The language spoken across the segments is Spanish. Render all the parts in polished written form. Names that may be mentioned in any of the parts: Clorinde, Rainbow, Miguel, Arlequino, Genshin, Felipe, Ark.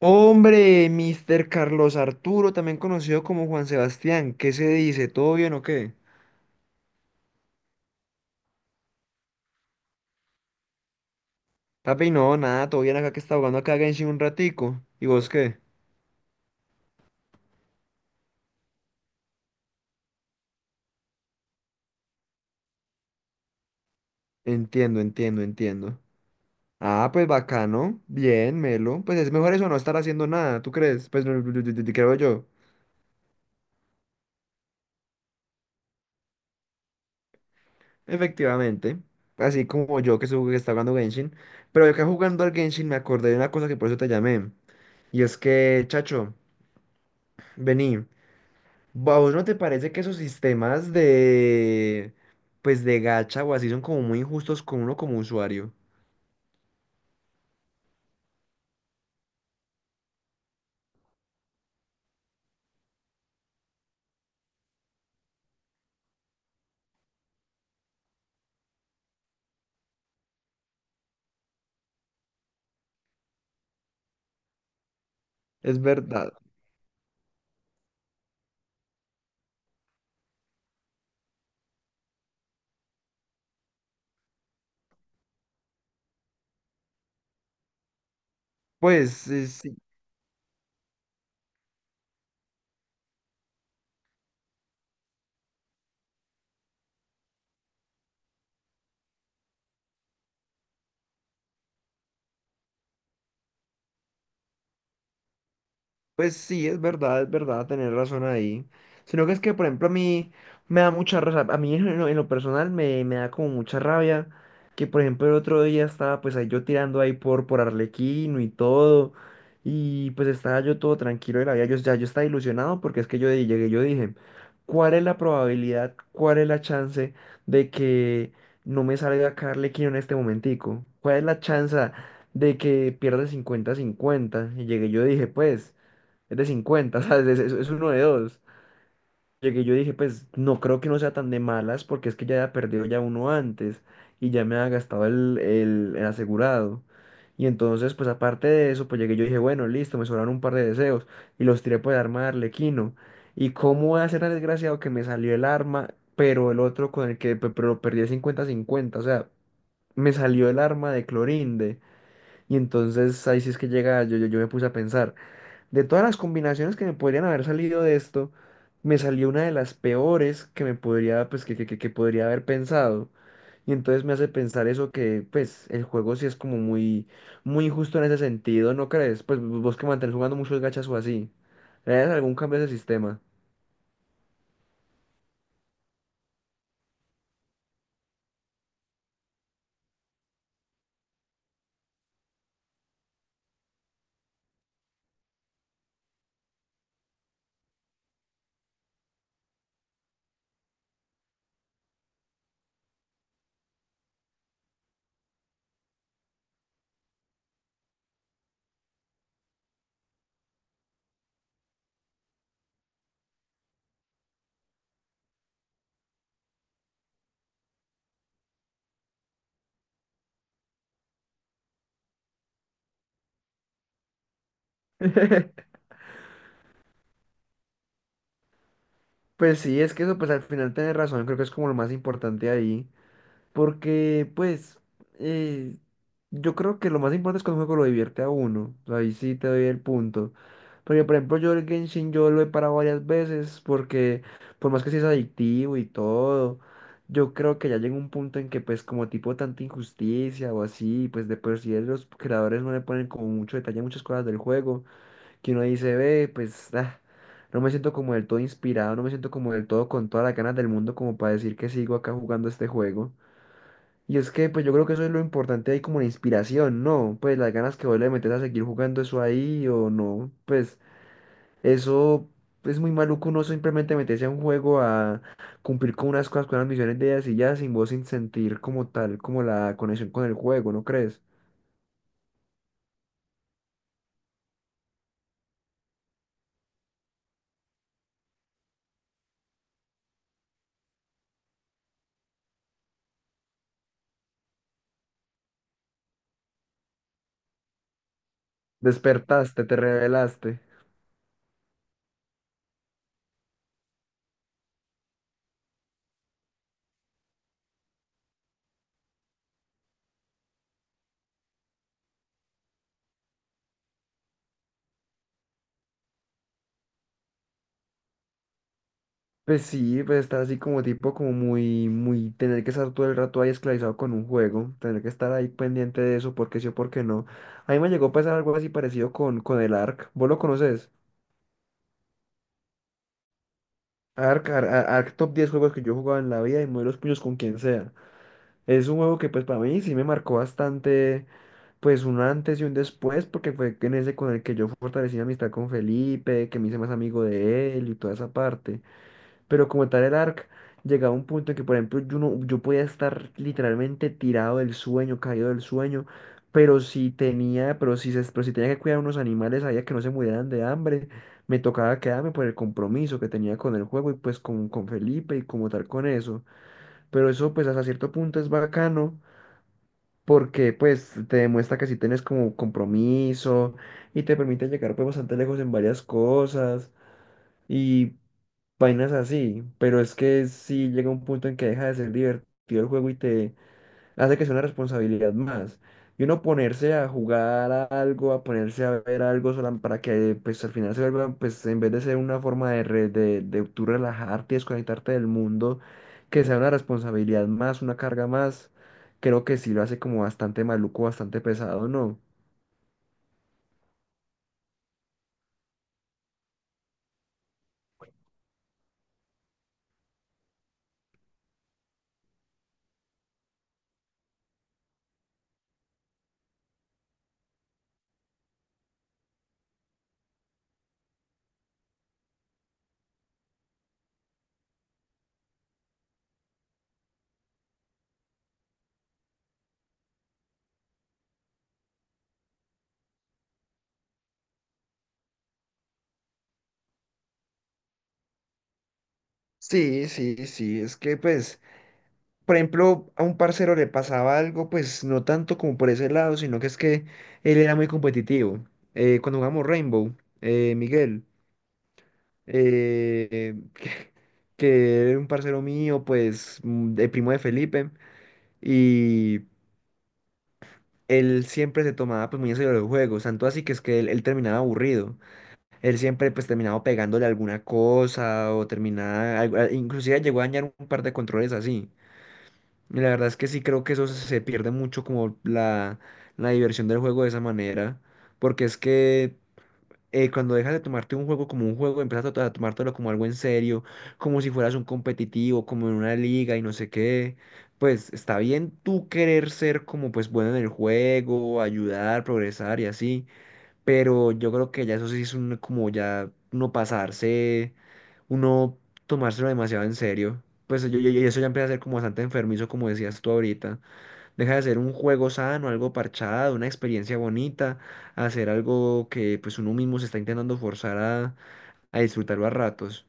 Hombre, Mr. Carlos Arturo, también conocido como Juan Sebastián, ¿qué se dice? ¿Todo bien o qué? Papi, no, nada, todo bien acá que está jugando acá a Genshin un ratico. ¿Y vos qué? Entiendo, entiendo, entiendo. Ah, pues bacano, bien, Melo. Pues es mejor eso no estar haciendo nada, ¿tú crees? Pues no, creo yo. Efectivamente. Así como yo que, que está jugando Genshin. Pero yo que jugando al Genshin me acordé de una cosa que por eso te llamé. Y es que, chacho, vení. ¿A vos no te parece que esos sistemas de, pues de gacha o así son como muy injustos con uno como usuario? Es verdad. Pues sí. Pues sí, es verdad, tener razón ahí. Sino que es que, por ejemplo, a mí me da mucha rabia, a mí en lo personal me da como mucha rabia que, por ejemplo, el otro día estaba pues ahí yo tirando ahí por Arlequino y todo, y pues estaba yo todo tranquilo de la vida, yo estaba ilusionado porque es que llegué, yo dije, ¿cuál es la probabilidad, cuál es la chance de que no me salga acá Arlequino en este momentico? ¿Cuál es la chance de que pierda cincuenta cincuenta? Y llegué, yo dije, pues es de 50 ¿sabes? Es uno de dos. Llegué y yo dije, pues no creo que no sea tan de malas porque es que ya había perdido ya uno antes y ya me había gastado el asegurado. Y entonces, pues aparte de eso, pues llegué y yo dije, bueno, listo, me sobraron un par de deseos y los tiré por el arma de Arlequino. ¿Y cómo va a ser tan desgraciado que me salió el arma, pero el otro con el que pero perdí el cincuenta 50? O sea, me salió el arma de Clorinde. Y entonces ahí sí es que llega, yo me puse a pensar. De todas las combinaciones que me podrían haber salido de esto, me salió una de las peores que me podría, pues, que podría haber pensado. Y entonces me hace pensar eso que, pues, el juego sí es como muy, muy injusto en ese sentido, ¿no crees? Pues vos que mantenés jugando muchos gachas o así. ¿Le harías algún cambio a ese sistema? Pues sí, es que eso, pues al final tenés razón, creo que es como lo más importante ahí. Porque, pues, eh, yo creo que lo más importante es que un juego lo divierte a uno. Ahí sí te doy el punto. Porque, por ejemplo, yo el Genshin yo lo he parado varias veces porque, por más que sí es adictivo y todo, yo creo que ya llega un punto en que, pues, como tipo tanta injusticia o así, pues, de por sí los creadores no le ponen como mucho detalle a muchas cosas del juego, que uno dice, ve, pues, ah, no me siento como del todo inspirado, no me siento como del todo con todas las ganas del mundo como para decir que sigo acá jugando este juego. Y es que, pues yo creo que eso es lo importante ahí como la inspiración, ¿no? Pues las ganas que vos le metes a seguir jugando eso ahí o no. Pues eso es muy maluco uno simplemente meterse a un juego a cumplir con unas cosas, con unas misiones de ellas y ya sin vos sin sentir como tal, como la conexión con el juego, ¿no crees? Despertaste, te revelaste. Pues sí, pues estar así como tipo, como muy, muy, tener que estar todo el rato ahí esclavizado con un juego, tener que estar ahí pendiente de eso, porque sí o porque no. A mí me llegó a pasar algo así parecido con, el Ark. ¿Vos lo conoces? Ark, top 10 juegos que yo he jugado en la vida y muevo los puños con quien sea. Es un juego que pues para mí sí me marcó bastante, pues un antes y un después, porque fue en ese con el que yo fortalecí mi amistad con Felipe, que me hice más amigo de él y toda esa parte. Pero como tal el ARC, llegaba a un punto en que, por ejemplo, yo, no, yo podía estar literalmente tirado del sueño, caído del sueño, pero si tenía, pero si, se, pero si tenía que cuidar unos animales, sabía que no se murieran de hambre, me tocaba quedarme por el compromiso que tenía con el juego y pues con Felipe y como tal con eso. Pero eso pues hasta cierto punto es bacano. Porque pues te demuestra que si tienes como compromiso y te permite llegar pues bastante lejos en varias cosas. Y vainas así, pero es que sí llega un punto en que deja de ser divertido el juego y te hace que sea una responsabilidad más. Y uno ponerse a jugar a algo, a ponerse a ver algo para que pues al final se vuelva, pues en vez de ser una forma de tú relajarte y desconectarte del mundo, que sea una responsabilidad más, una carga más, creo que sí lo hace como bastante maluco, bastante pesado, ¿no? Sí, sí, sí, es que pues, por ejemplo, a un parcero le pasaba algo, pues no tanto como por ese lado, sino que es que él era muy competitivo. Cuando jugamos Rainbow, Miguel, eh, que, que era un parcero mío, pues, de primo de Felipe, y él siempre se tomaba pues muy en serio los juegos, tanto así que es que él terminaba aburrido. Él siempre pues terminaba pegándole alguna cosa o terminaba, inclusive llegó a dañar un par de controles así. Y la verdad es que sí creo que eso se pierde mucho como la diversión del juego de esa manera, porque es que cuando dejas de tomarte un juego como un juego, empiezas a tomártelo como algo en serio, como si fueras un competitivo, como en una liga y no sé qué, pues está bien tú querer ser como pues bueno en el juego, ayudar, progresar y así, pero yo creo que ya eso sí es un, como ya uno pasarse, uno tomárselo demasiado en serio. Pues eso ya empieza a ser como bastante enfermizo, como decías tú ahorita. Deja de ser un juego sano, algo parchado, una experiencia bonita, a ser algo que pues uno mismo se está intentando forzar a, disfrutarlo a ratos.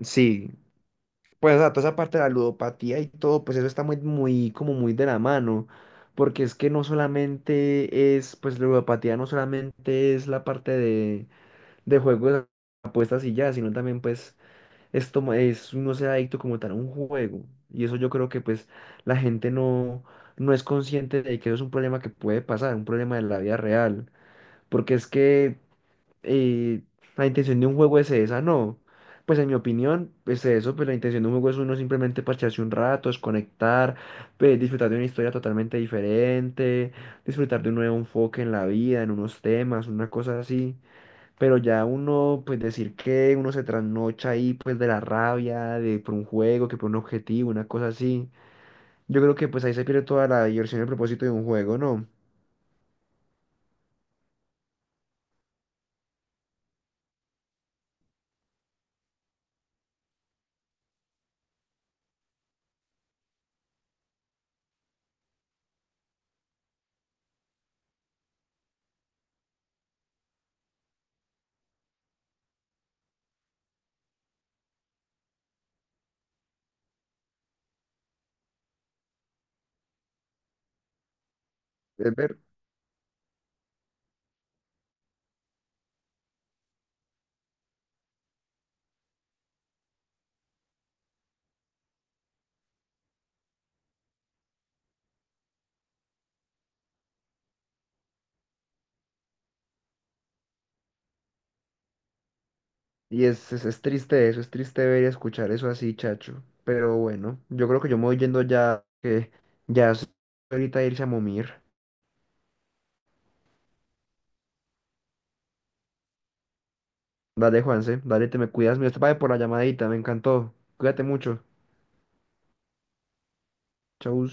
Sí, pues o sea, toda esa parte de la ludopatía y todo, pues eso está muy, muy, como muy de la mano. Porque es que no solamente es, pues la ludopatía no solamente es la parte de juegos, apuestas y ya, sino también pues es no ser adicto como tal a un juego. Y eso yo creo que pues la gente no es consciente de que eso es un problema que puede pasar, un problema de la vida real. Porque es que eh, la intención de un juego es esa, no. Pues en mi opinión es eso, pues la intención de un juego es uno simplemente parcharse un rato, desconectar, pues, disfrutar de una historia totalmente diferente, disfrutar de un nuevo enfoque en la vida, en unos temas, una cosa así. Pero ya uno, pues decir que uno se trasnocha ahí, pues de la rabia, de por un juego, que por un objetivo, una cosa así. Yo creo que pues ahí se pierde toda la diversión y el propósito de un juego, ¿no? Es ver. Y es triste eso, es triste ver y escuchar eso así, chacho. Pero bueno, yo creo que yo me voy yendo ya, que ya es ahorita irse a momir. Dale, Juanse, dale, te me cuidas. Mira, te pague por la llamadita, me encantó. Cuídate mucho. Chau.